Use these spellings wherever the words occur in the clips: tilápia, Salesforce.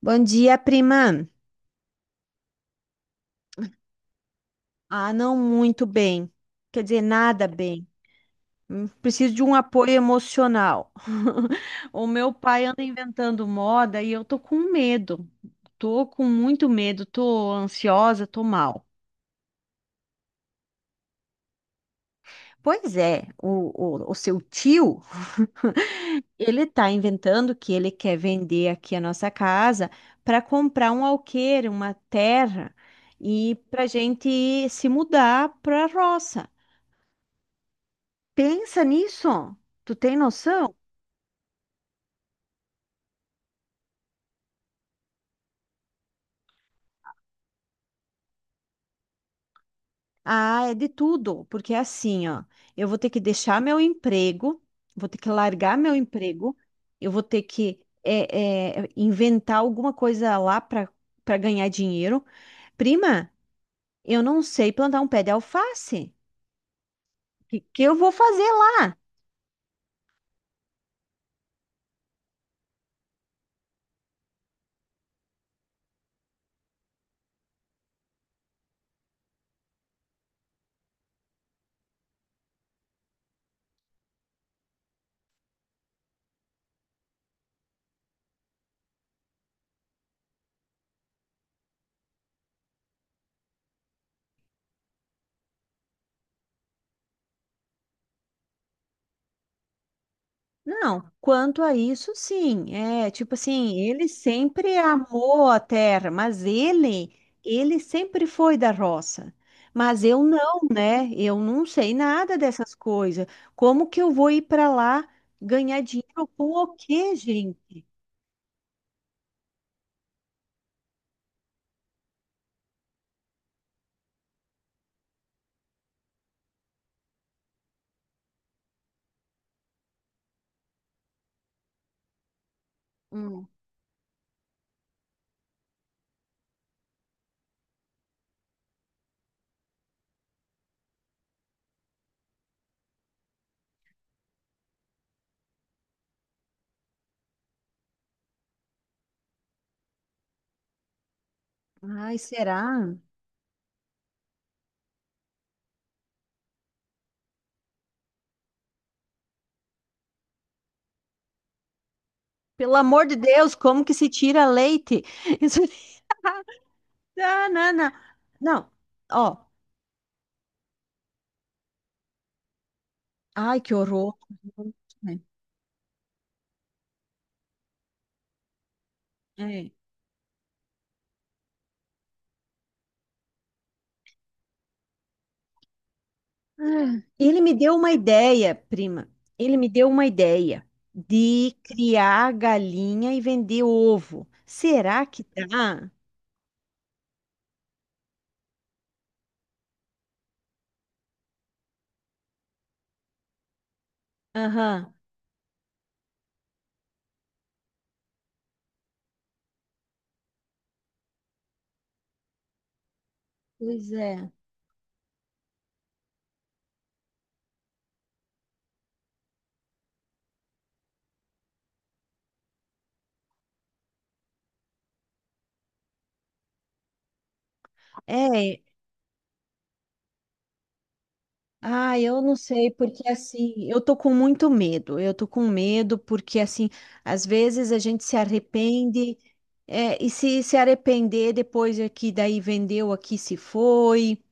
Bom dia, prima. Ah, não muito bem. Quer dizer, nada bem. Preciso de um apoio emocional. O meu pai anda inventando moda e eu tô com medo. Tô com muito medo, tô ansiosa, tô mal. Pois é, o seu tio, ele tá inventando que ele quer vender aqui a nossa casa para comprar um alqueire, uma terra, e pra gente se mudar pra roça. Pensa nisso. Tu tem noção? Ah, é de tudo, porque é assim, ó. Eu vou ter que deixar meu emprego, vou ter que largar meu emprego, eu vou ter que inventar alguma coisa lá para ganhar dinheiro. Prima, eu não sei plantar um pé de alface. O que, que eu vou fazer lá? Não, quanto a isso, sim. É, tipo assim, ele sempre amou a terra, mas ele sempre foi da roça. Mas eu não, né? Eu não sei nada dessas coisas. Como que eu vou ir para lá ganhar dinheiro com o quê, gente? Hum. Ai, será? Pelo amor de Deus, como que se tira leite? Isso. Não, não, não. Não, ó. Ai, que horror. É. Ah, ele me deu uma ideia, prima. Ele me deu uma ideia de criar galinha e vender ovo. Será que dá? Aham, pois é. É, ah, eu não sei, porque assim, eu tô com muito medo. Eu tô com medo porque assim, às vezes a gente se arrepende, é, e se se arrepender depois é que daí vendeu aqui se foi.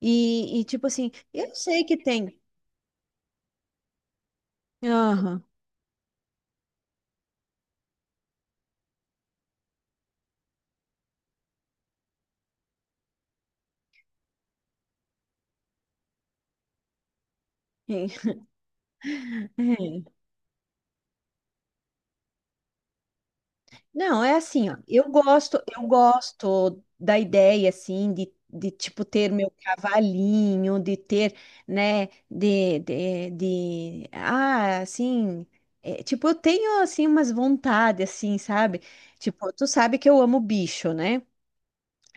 E tipo assim, eu sei que tem. Aham. É. Não, é assim, ó. Eu gosto da ideia assim de tipo ter meu cavalinho, de ter, né, assim, é, tipo, eu tenho assim umas vontades assim, sabe? Tipo, tu sabe que eu amo bicho, né?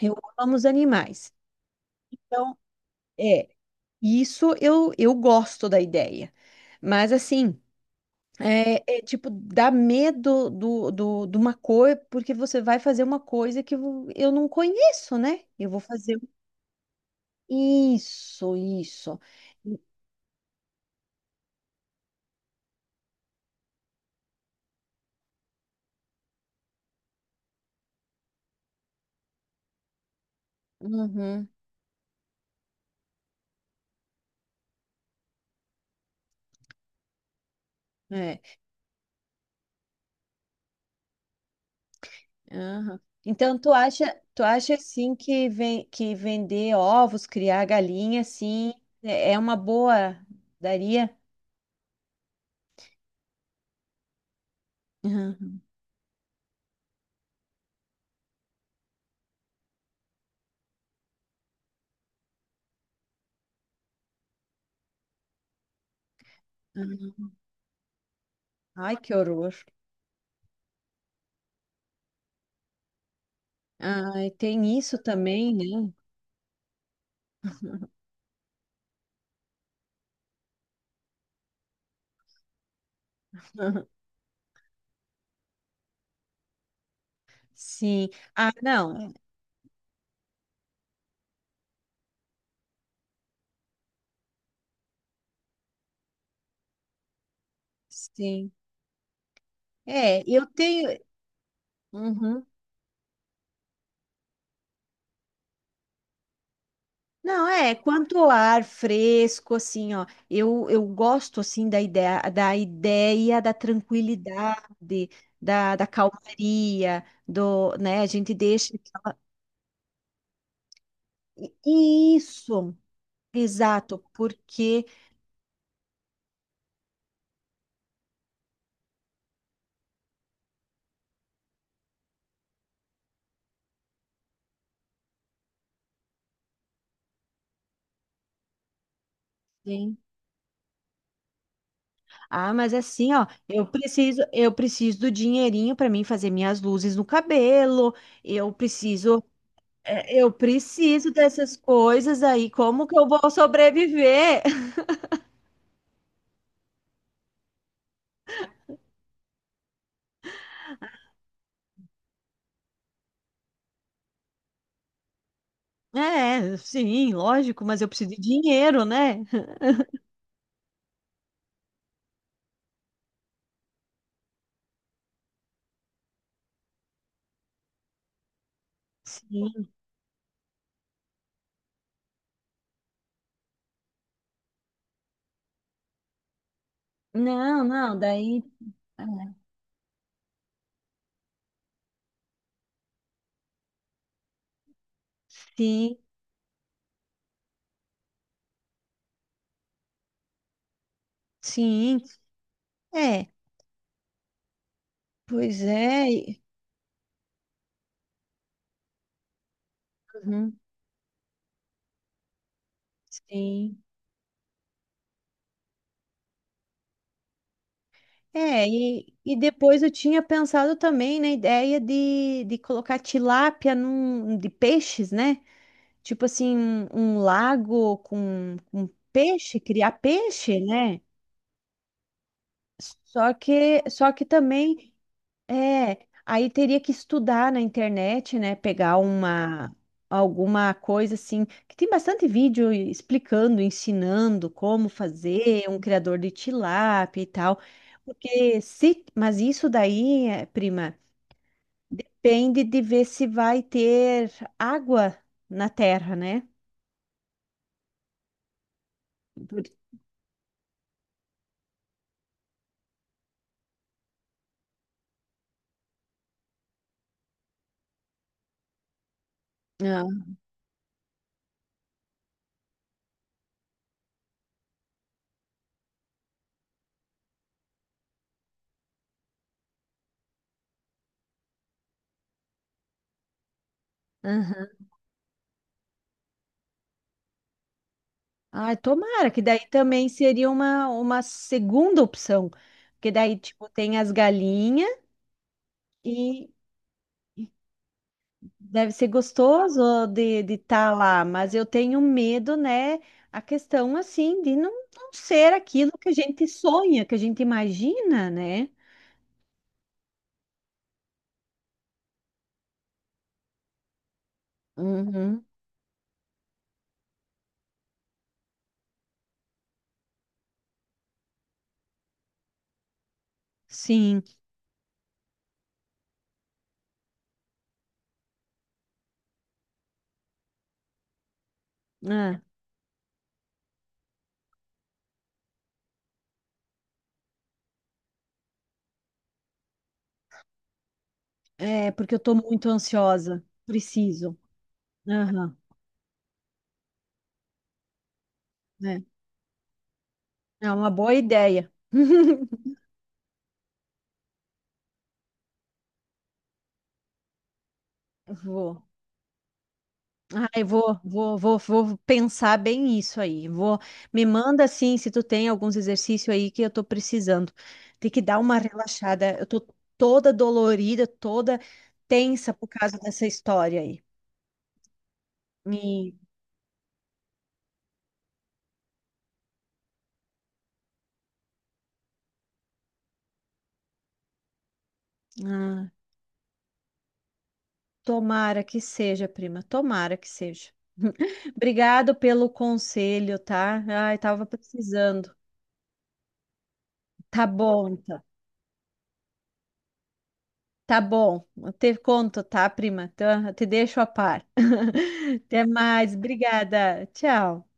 Eu amo os animais. Então, é, isso eu gosto da ideia. Mas assim, tipo, dá medo de uma cor, porque você vai fazer uma coisa que eu não conheço, né? Eu vou fazer um. Isso, isso. Uhum, é, aham. Então, tu acha assim que, ven que vender ovos, criar galinha, assim, é uma boa, daria? Uhum, uhum. Ai, que horror. Ai, tem isso também, né? Sim. Ah, não. Sim. É, eu tenho. Uhum. Não, é, quanto ao ar fresco, assim, ó, eu gosto, assim, da ideia, da tranquilidade, da calmaria, do, né, a gente deixa aquela. Isso, exato, porque. Sim. Ah, mas assim, ó, eu preciso do dinheirinho para mim fazer minhas luzes no cabelo, eu preciso, eu preciso dessas coisas aí, como que eu vou sobreviver? É, sim, lógico, mas eu preciso de dinheiro, né? Sim. Não, não, daí. Sim, sim. É, pois é. Uhum, sim. É, e depois eu tinha pensado também na ideia de colocar tilápia de peixes, né? Tipo assim, um lago com peixe, criar peixe, né? Só que também. É, aí teria que estudar na internet, né? Pegar uma alguma coisa assim, que tem bastante vídeo explicando, ensinando como fazer um criador de tilápia e tal. Porque se, mas isso daí, prima, depende de ver se vai ter água na terra, né? Por- Ah, aham. Ai, tomara, que daí também seria uma segunda opção. Porque daí, tipo, tem as galinhas e Deve ser gostoso de estar lá, mas eu tenho medo, né? A questão assim de não ser aquilo que a gente sonha, que a gente imagina, né? Uhum. Sim, ah, é porque eu estou muito ansiosa. Preciso. Aham, É, é uma boa ideia. Vou. Ai, vou pensar bem isso aí. Me manda assim se tu tem alguns exercícios aí que eu tô precisando. Tem que dar uma relaxada. Eu tô toda dolorida, toda tensa por causa dessa história aí. Me, ah, tomara que seja, prima. Tomara que seja. Obrigado pelo conselho, tá? Ai, tava precisando. Tá bom, então. Tá bom, eu te conto, tá, prima? Tá, eu te deixo a par. Até mais, obrigada. Tchau.